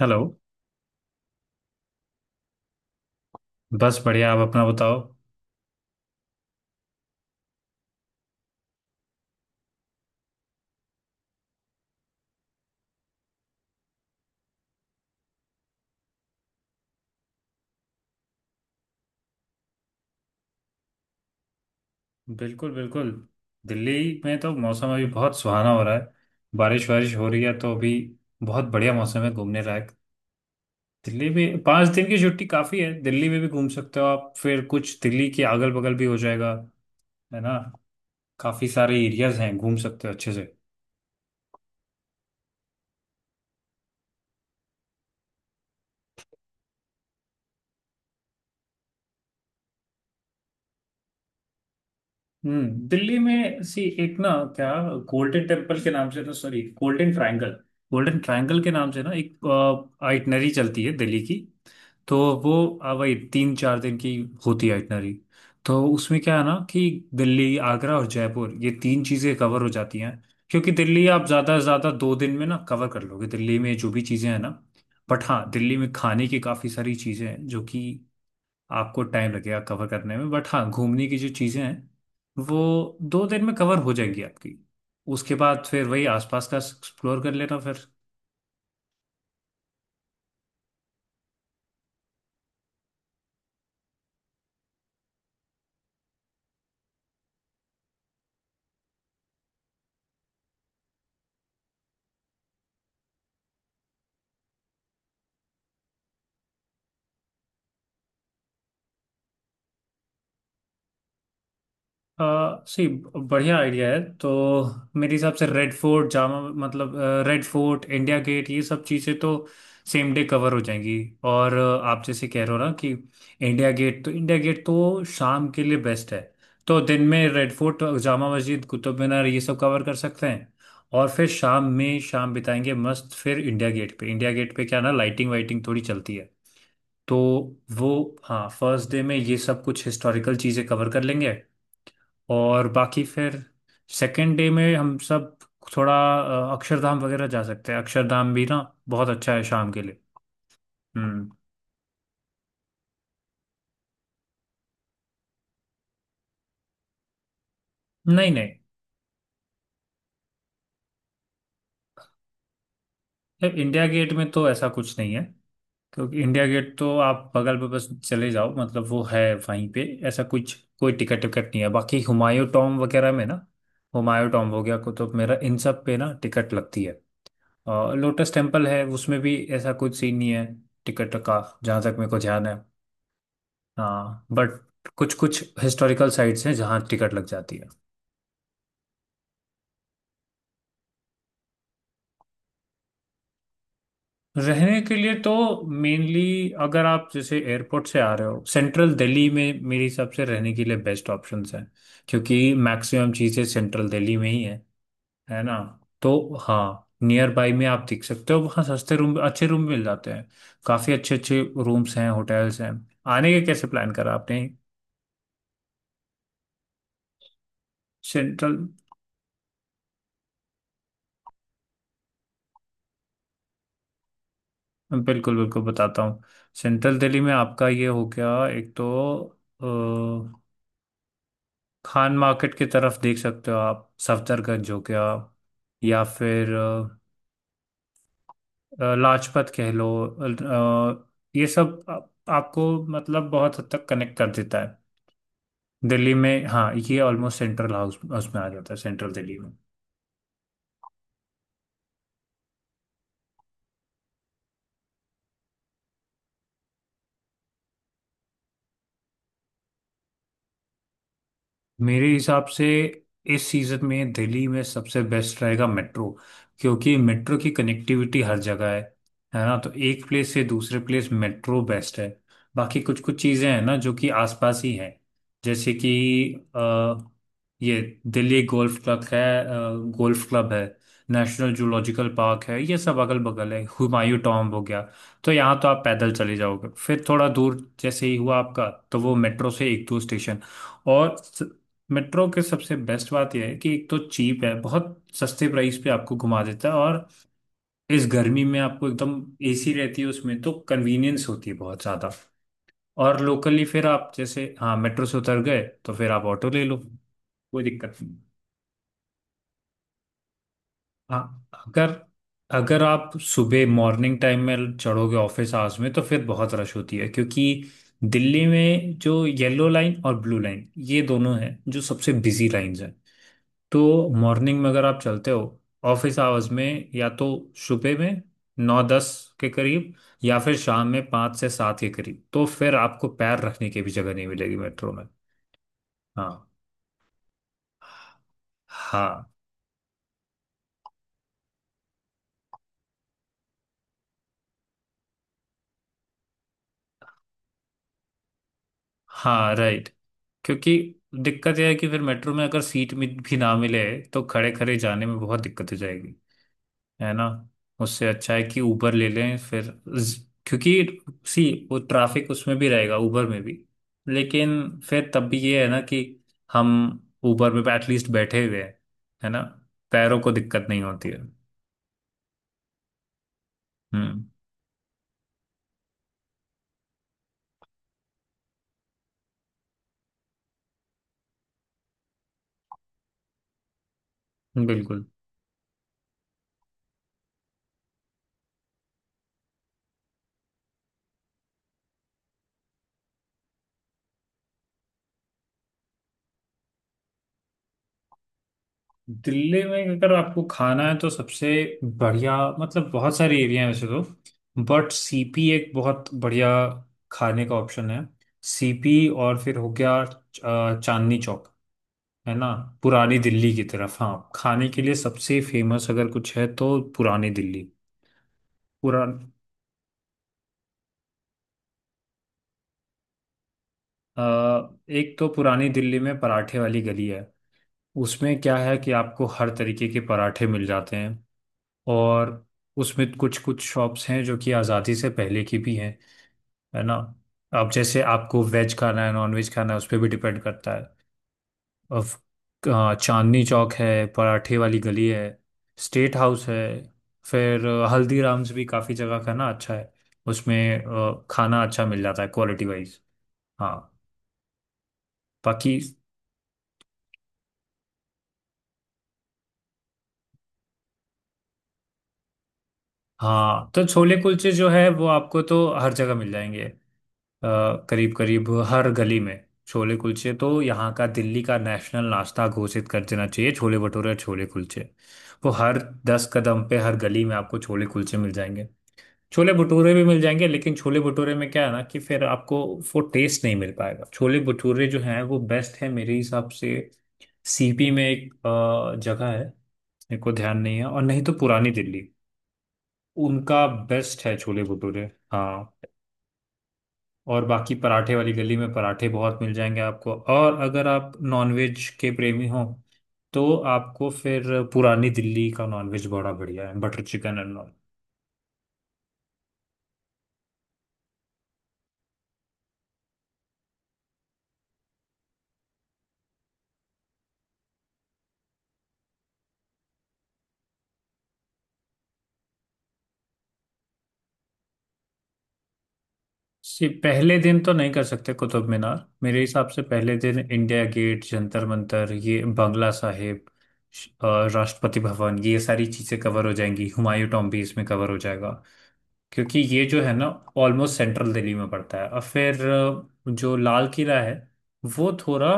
Hello. बस बढ़िया, आप अपना बताओ। बिल्कुल बिल्कुल। दिल्ली में तो मौसम अभी बहुत सुहाना हो रहा है, बारिश वारिश हो रही है तो अभी बहुत बढ़िया मौसम है घूमने लायक। दिल्ली में 5 दिन की छुट्टी काफ़ी है, दिल्ली में भी घूम सकते हो आप, फिर कुछ दिल्ली के अगल बगल भी हो जाएगा, है ना। काफ़ी सारे एरियाज हैं, घूम सकते हो अच्छे से। दिल्ली में सी एक ना क्या, गोल्डन टेम्पल के नाम से ना, sorry Golden Triangle, Golden Triangle के नाम से ना एक आइटनरी चलती है दिल्ली की। तो वो वही 3-4 दिन की होती है आइटनरी। तो उसमें क्या है ना कि दिल्ली आगरा और जयपुर ये तीन चीज़ें कवर हो जाती हैं, क्योंकि दिल्ली आप ज़्यादा से ज़्यादा 2 दिन में ना कवर कर लोगे, दिल्ली में जो भी चीज़ें हैं ना। बट हाँ दिल्ली में खाने की काफ़ी सारी चीज़ें हैं जो कि आपको टाइम लगेगा कवर करने में। बट हाँ घूमने की जो चीज़ें हैं वो 2 दिन में कवर हो जाएंगी आपकी। उसके बाद फिर वही आसपास का एक्सप्लोर कर लेना फिर। सी बढ़िया आइडिया है। तो मेरे हिसाब से रेड फोर्ट जामा, मतलब रेड फोर्ट इंडिया गेट ये सब चीज़ें तो सेम डे कवर हो जाएंगी। और आप जैसे कह रहे हो ना कि इंडिया गेट तो, इंडिया गेट तो शाम के लिए बेस्ट है। तो दिन में रेड फोर्ट जामा मस्जिद कुतुब मीनार ये सब कवर कर सकते हैं और फिर शाम में शाम बिताएंगे मस्त, फिर इंडिया गेट पे, इंडिया गेट पे क्या ना लाइटिंग वाइटिंग थोड़ी चलती है तो वो। हाँ, फर्स्ट डे में ये सब कुछ हिस्टोरिकल चीज़ें कवर कर लेंगे और बाकी फिर सेकेंड डे में हम सब थोड़ा अक्षरधाम वगैरह जा सकते हैं। अक्षरधाम भी ना बहुत अच्छा है शाम के लिए। हम्म। नहीं नहीं, इंडिया गेट में तो ऐसा कुछ नहीं है, क्योंकि इंडिया गेट तो आप बगल में बस चले जाओ, मतलब वो है वहीं पे, ऐसा कुछ कोई टिकट विकट नहीं है। बाकी हुमायूं टॉम वगैरह में ना, हुमायूं टॉम हो गया कुतुब मेरा इन सब पे ना टिकट लगती है। और लोटस टेम्पल है, उसमें भी ऐसा कुछ सीन नहीं है टिकट का, जहाँ तक मेरे को ध्यान है। हाँ बट कुछ कुछ हिस्टोरिकल साइट्स हैं जहाँ टिकट लग जाती है। रहने के लिए तो मेनली अगर आप जैसे एयरपोर्ट से आ रहे हो, सेंट्रल दिल्ली में मेरे हिसाब से रहने के लिए बेस्ट ऑप्शंस हैं, क्योंकि मैक्सिमम चीज़ें सेंट्रल दिल्ली में ही है ना। तो हाँ नियर बाई में आप देख सकते हो, वहाँ सस्ते रूम अच्छे रूम मिल जाते हैं। काफ़ी अच्छे अच्छे रूम्स हैं, होटल्स हैं। आने के कैसे प्लान करा आपने? सेंट्रल बिल्कुल बिल्कुल बताता हूँ। सेंट्रल दिल्ली में आपका ये हो गया एक तो अ, खान मार्केट की तरफ देख सकते हो आप, सफदरगंज हो गया, या फिर लाजपत कह लो, अ, ये सब आपको मतलब बहुत हद तक कनेक्ट कर देता है दिल्ली में। हाँ ये ऑलमोस्ट सेंट्रल हाउस उसमें आ जाता है, सेंट्रल दिल्ली में। मेरे हिसाब से इस सीजन में दिल्ली में सबसे बेस्ट रहेगा मेट्रो, क्योंकि मेट्रो की कनेक्टिविटी हर जगह है ना। तो एक प्लेस से दूसरे प्लेस मेट्रो बेस्ट है। बाकी कुछ कुछ चीजें हैं ना जो कि आसपास ही हैं, जैसे कि अ, ये दिल्ली गोल्फ क्लब है, गोल्फ क्लब है, नेशनल जूलॉजिकल पार्क है, ये सब अगल बगल है, हुमायूं टॉम्ब हो गया। तो यहाँ तो आप पैदल चले जाओगे, फिर थोड़ा दूर जैसे ही हुआ आपका तो वो मेट्रो से एक दो स्टेशन। और मेट्रो के सबसे बेस्ट बात यह है कि एक तो चीप है, बहुत सस्ते प्राइस पे आपको घुमा देता है और इस गर्मी में आपको एकदम एसी रहती है उसमें, तो कन्वीनियंस होती है बहुत ज़्यादा। और लोकली फिर आप जैसे हाँ मेट्रो से उतर गए तो फिर आप ऑटो ले लो, कोई दिक्कत नहीं। हाँ अगर, अगर आप सुबह मॉर्निंग टाइम में चढ़ोगे ऑफिस आवर्स में तो फिर बहुत रश होती है, क्योंकि दिल्ली में जो येलो लाइन और ब्लू लाइन ये दोनों हैं जो सबसे बिजी लाइंस हैं। तो मॉर्निंग में अगर आप चलते हो ऑफिस आवर्स में, या तो सुबह में 9-10 के करीब, या फिर शाम में 5 से 7 के करीब, तो फिर आपको पैर रखने की भी जगह नहीं मिलेगी मेट्रो में। हाँ हाँ, हाँ राइट। क्योंकि दिक्कत यह है कि फिर मेट्रो में अगर सीट भी ना मिले तो खड़े खड़े जाने में बहुत दिक्कत हो जाएगी, है ना। उससे अच्छा है कि उबर ले लें फिर, क्योंकि सी वो ट्रैफिक उसमें भी रहेगा उबर में भी, लेकिन फिर तब भी ये है ना कि हम उबर में एटलीस्ट बैठे हुए हैं, है ना, पैरों को दिक्कत नहीं होती है। हम्म। बिल्कुल। दिल्ली में अगर आपको खाना है तो सबसे बढ़िया, मतलब बहुत सारे एरिया हैं वैसे तो, बट सीपी एक बहुत बढ़िया खाने का ऑप्शन है। सीपी और फिर हो गया चांदनी चौक, है ना, पुरानी दिल्ली की तरफ। हाँ खाने के लिए सबसे फेमस अगर कुछ है तो पुरानी दिल्ली। पुरान अ, एक तो पुरानी दिल्ली में पराठे वाली गली है, उसमें क्या है कि आपको हर तरीके के पराठे मिल जाते हैं और उसमें कुछ कुछ शॉप्स हैं जो कि आज़ादी से पहले की भी हैं, है ना। अब जैसे आपको वेज खाना है नॉन वेज खाना है, उस पर भी डिपेंड करता है। और चांदनी चौक है, पराठे वाली गली है, स्टेट हाउस है, फिर हल्दीराम्स भी काफ़ी जगह का ना अच्छा है, उसमें खाना अच्छा मिल जाता है क्वालिटी वाइज। हाँ बाकी, हाँ तो छोले कुलचे जो है वो आपको तो हर जगह मिल जाएंगे, करीब करीब हर गली में। छोले कुलचे तो यहाँ का दिल्ली का नेशनल नाश्ता घोषित कर देना चाहिए, छोले भटूरे और छोले कुलचे। वो हर 10 कदम पे हर गली में आपको छोले कुलचे मिल जाएंगे, छोले भटूरे भी मिल जाएंगे, लेकिन छोले भटूरे में क्या है ना कि फिर आपको वो टेस्ट नहीं मिल पाएगा। छोले भटूरे जो है वो बेस्ट है, मेरे हिसाब से सीपी में एक जगह है, मेरे को ध्यान नहीं है, और नहीं तो पुरानी दिल्ली, उनका बेस्ट है छोले भटूरे। हाँ और बाकी पराठे वाली गली में पराठे बहुत मिल जाएंगे आपको, और अगर आप नॉनवेज के प्रेमी हो तो आपको फिर पुरानी दिल्ली का नॉनवेज बड़ा बढ़िया है, बटर चिकन एंड ऑल। सी पहले दिन तो नहीं कर सकते कुतुब मीनार। मेरे हिसाब से पहले दिन इंडिया गेट, जंतर मंतर, ये बंगला साहिब, राष्ट्रपति भवन, ये सारी चीज़ें कवर हो जाएंगी, हुमायूं टॉम्ब भी इसमें कवर हो जाएगा, क्योंकि ये जो है ना ऑलमोस्ट सेंट्रल दिल्ली में पड़ता है। और फिर जो लाल किला है वो थोड़ा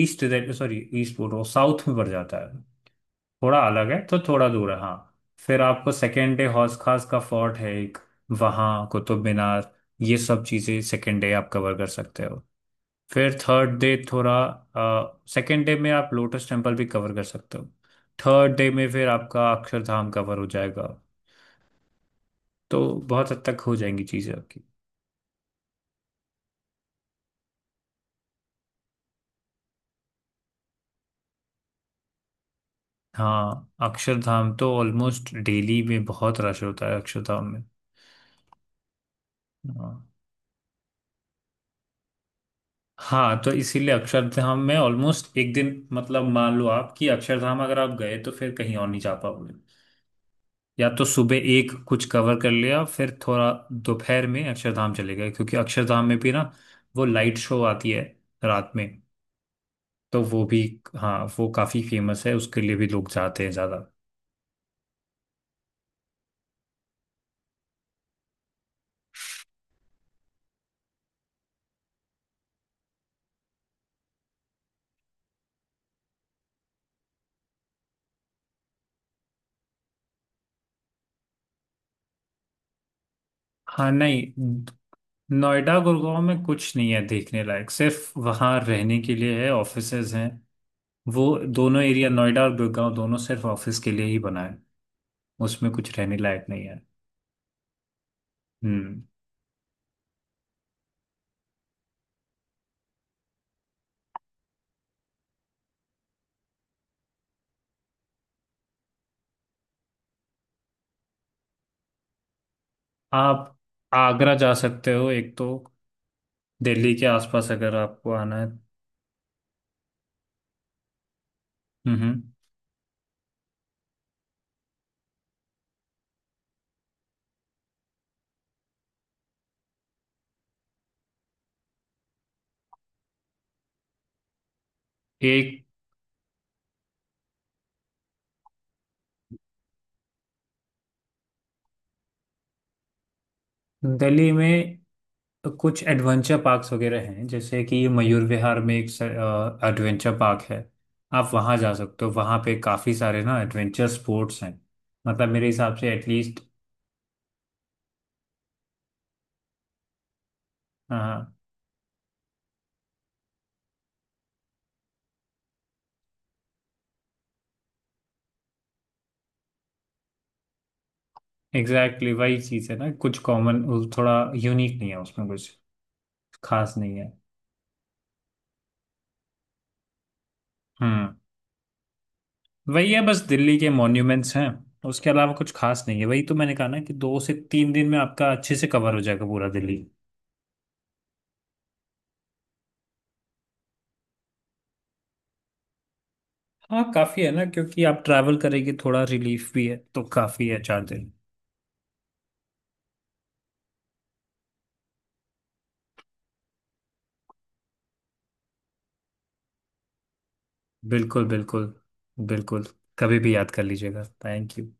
ईस्ट, सॉरी ईस्ट बोल रहा हूँ, साउथ में पड़ जाता है, थोड़ा अलग है तो थोड़ा दूर है हाँ। फिर आपको सेकेंड डे हौस खास का फोर्ट है एक, वहाँ कुतुब मीनार, ये सब चीज़ें सेकेंड डे आप कवर कर सकते हो। फिर थर्ड डे थोड़ा, सेकेंड डे में आप लोटस टेम्पल भी कवर कर सकते हो, थर्ड डे में फिर आपका अक्षरधाम कवर हो जाएगा। तो बहुत हद तक हो जाएंगी चीज़ें आपकी। हाँ अक्षरधाम तो ऑलमोस्ट डेली में बहुत रश होता है अक्षरधाम में। हाँ, हाँ तो इसीलिए अक्षरधाम में ऑलमोस्ट एक दिन, मतलब मान लो आप कि अक्षरधाम अगर आप गए तो फिर कहीं और नहीं जा पाओगे। या तो सुबह एक कुछ कवर कर लिया फिर थोड़ा दोपहर में अक्षरधाम चले गए, क्योंकि अक्षरधाम में भी ना वो लाइट शो आती है रात में, तो वो भी। हाँ वो काफी फेमस है, उसके लिए भी लोग जाते हैं ज्यादा। हाँ नहीं, नोएडा गुड़गांव में कुछ नहीं है देखने लायक, सिर्फ वहाँ रहने के लिए है, ऑफिसेज हैं वो। दोनों एरिया नोएडा और गुड़गांव दोनों सिर्फ ऑफिस के लिए ही बना है, उसमें कुछ रहने लायक नहीं है। हम्म। आप आगरा जा सकते हो एक तो, दिल्ली के आसपास अगर आपको आना है। हम्म एक दिल्ली में कुछ एडवेंचर पार्क्स वगैरह हैं, जैसे कि मयूर विहार में एक एडवेंचर पार्क है, आप वहाँ जा सकते हो, वहाँ पे काफ़ी सारे ना एडवेंचर स्पोर्ट्स हैं। मतलब मेरे हिसाब से एटलीस्ट, हाँ एग्जैक्टली वही चीज़ है ना, कुछ कॉमन, थोड़ा यूनिक नहीं है उसमें, कुछ खास नहीं है। हम्म। वही है बस दिल्ली के मॉन्यूमेंट्स हैं, उसके अलावा कुछ खास नहीं है। वही तो मैंने कहा ना कि 2 से 3 दिन में आपका अच्छे से कवर हो जाएगा पूरा दिल्ली। हाँ काफी है ना, क्योंकि आप ट्रैवल करेंगे थोड़ा रिलीफ भी है, तो काफी है 4 दिन। बिल्कुल बिल्कुल बिल्कुल। कभी भी याद कर लीजिएगा, थैंक यू।